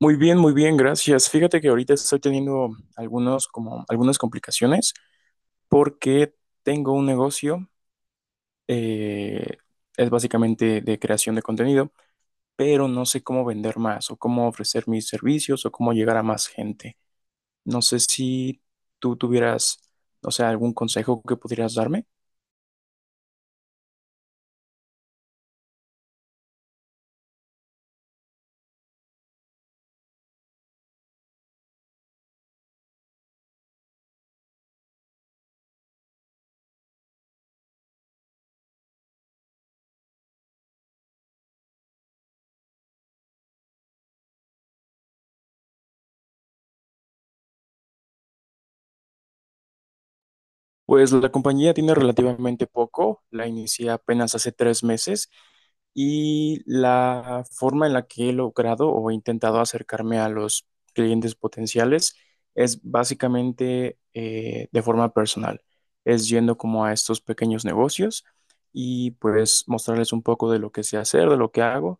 Muy bien, gracias. Fíjate que ahorita estoy teniendo como, algunas complicaciones porque tengo un negocio, eh, es básicamente de creación de contenido, pero no sé cómo vender más o cómo ofrecer mis servicios o cómo llegar a más gente. No sé si tú tuvieras, no sé, algún consejo que pudieras darme. Pues la compañía tiene relativamente poco, la inicié apenas hace 3 meses y la forma en la que he logrado o he intentado acercarme a los clientes potenciales es básicamente de forma personal, es yendo como a estos pequeños negocios y pues mostrarles un poco de lo que sé hacer, de lo que hago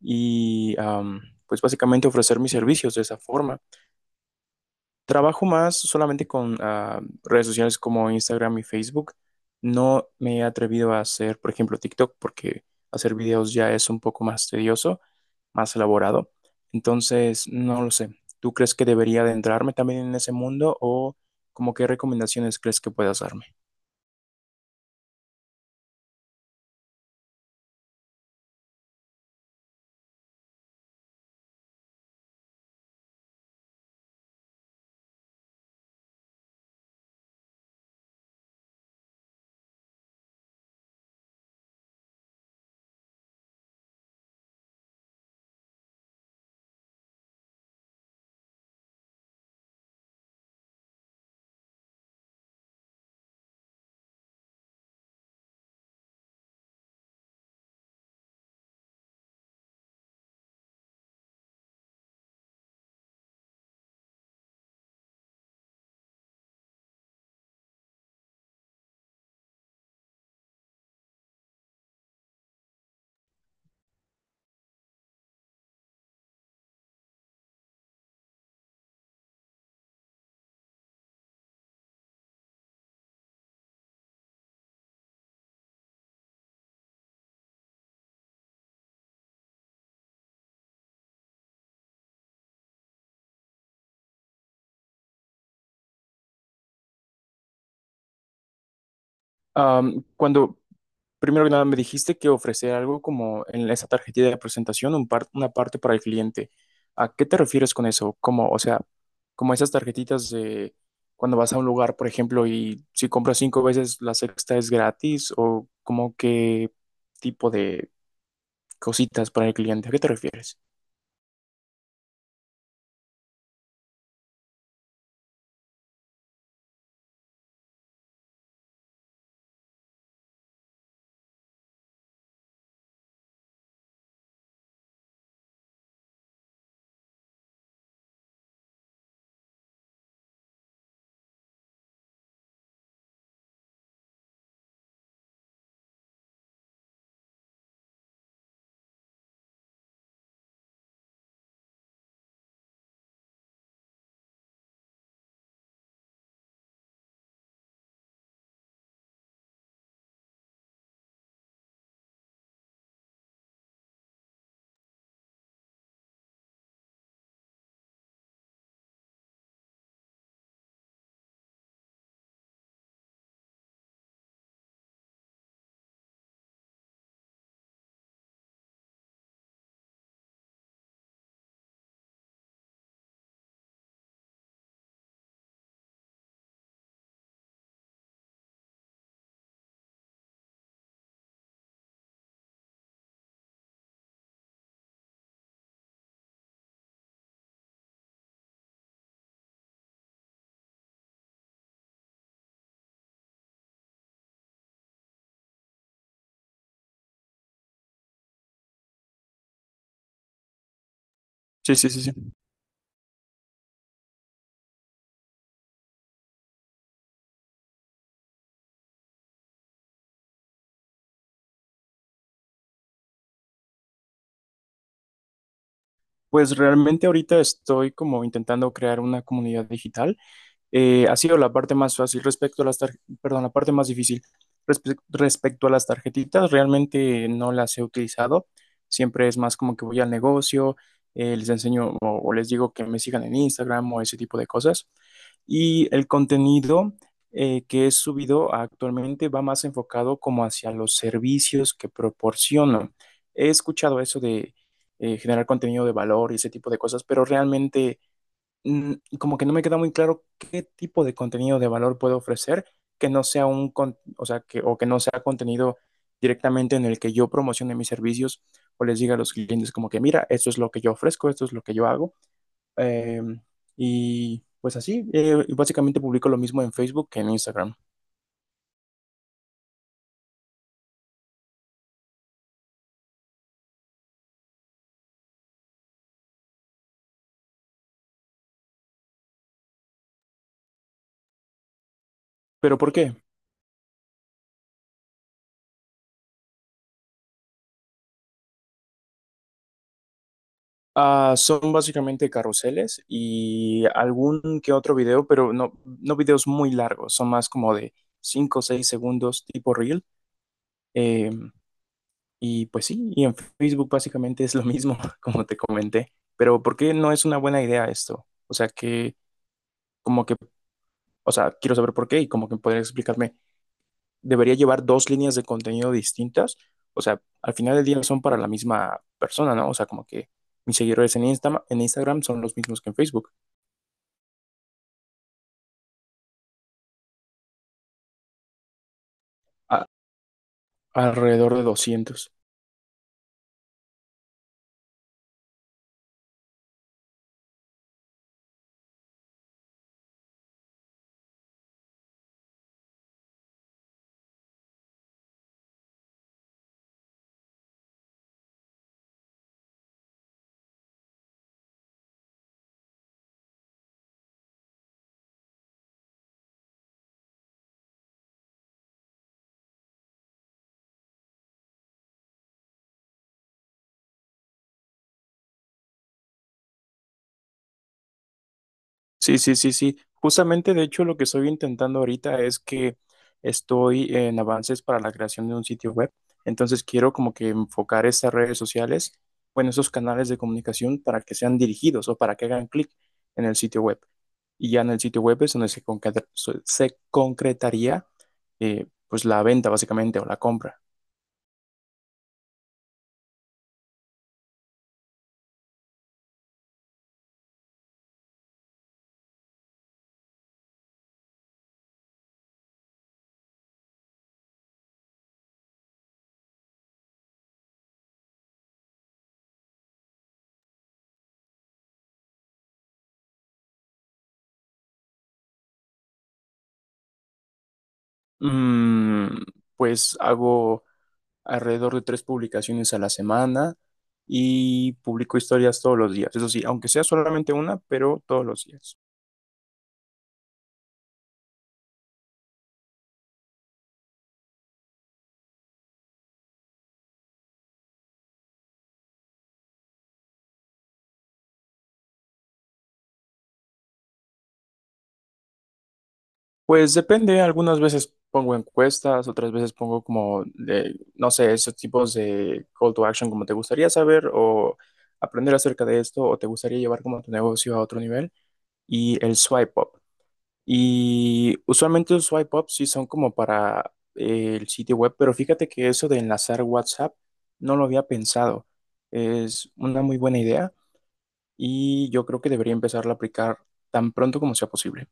y pues básicamente ofrecer mis servicios de esa forma. Trabajo más solamente con redes sociales como Instagram y Facebook. No me he atrevido a hacer, por ejemplo, TikTok, porque hacer videos ya es un poco más tedioso, más elaborado. Entonces, no lo sé. ¿Tú crees que debería adentrarme también en ese mundo o como qué recomendaciones crees que puedas darme? Am, cuando Primero que nada, me dijiste que ofrecer algo como en esa tarjetita de presentación, una parte para el cliente. ¿A qué te refieres con eso? Como, o sea, como esas tarjetitas de cuando vas a un lugar, por ejemplo, y si compras cinco veces, la sexta es gratis, o como qué tipo de cositas para el cliente. ¿A qué te refieres? Sí, sí, sí, sí. Pues realmente ahorita estoy como intentando crear una comunidad digital. Ha sido la parte más fácil respecto a las perdón, la parte más difícil. Respecto a las tarjetitas, realmente no las he utilizado. Siempre es más como que voy al negocio, les enseño o les digo que me sigan en Instagram o ese tipo de cosas. Y el contenido que he subido actualmente va más enfocado como hacia los servicios que proporciono. He escuchado eso de generar contenido de valor y ese tipo de cosas, pero realmente mm, como que no me queda muy claro qué tipo de contenido de valor puedo ofrecer que no sea o sea, o que no sea contenido directamente en el que yo promocione mis servicios o les diga a los clientes como que, mira, esto es lo que yo ofrezco, esto es lo que yo hago. Eh, y pues así, básicamente publico lo mismo en Facebook que en Instagram. ¿Pero por qué? Son básicamente carruseles y algún que otro video, pero no videos muy largos, son más como de 5 o 6 segundos tipo reel. Eh, Y pues sí, y en Facebook básicamente es lo mismo, como te comenté. Pero ¿por qué no es una buena idea esto? O sea, que como que, o sea, quiero saber por qué y como que podrías explicarme, ¿debería llevar dos líneas de contenido distintas? O sea, al final del día son para la misma persona, ¿no? O sea, como que mis seguidores en en Instagram son los mismos que en Facebook, a- alrededor de 200. Sí, sí, sí, sí. Justamente, de hecho, lo que estoy intentando ahorita es que estoy en avances para la creación de un sitio web. Entonces, quiero como que enfocar estas redes sociales, bueno, esos canales de comunicación para que sean dirigidos o para que hagan clic en el sitio web. Y ya en el sitio web es donde se concretaría, pues, la venta básicamente o la compra. Mm, pues hago alrededor de tres publicaciones a la semana y publico historias todos los días. Eso sí, aunque sea solamente una, pero todos los días. Pues depende, algunas veces pongo encuestas, otras veces pongo como, no sé, esos tipos de call to action como te gustaría saber o aprender acerca de esto o te gustaría llevar como tu negocio a otro nivel. Y el swipe up, Y usualmente los swipe up sí son como para el sitio web, pero fíjate que eso de enlazar WhatsApp no lo había pensado. Es una muy buena idea y yo creo que debería empezar a aplicar tan pronto como sea posible.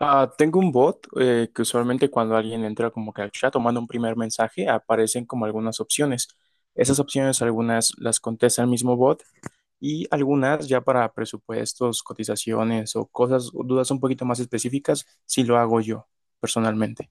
Tengo un bot que usualmente cuando alguien entra como que al chat o manda un primer mensaje aparecen como algunas opciones. Esas opciones algunas las contesta el mismo bot y algunas ya para presupuestos, cotizaciones o cosas, dudas un poquito más específicas, si lo hago yo personalmente.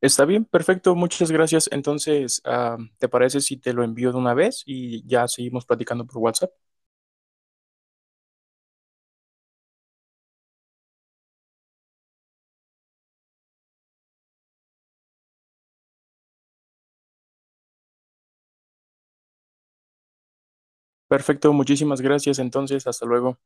Está bien, perfecto, muchas gracias. Entonces, ¿te parece si te lo envío de una vez y ya seguimos platicando por WhatsApp? Perfecto, muchísimas gracias. Entonces, hasta luego.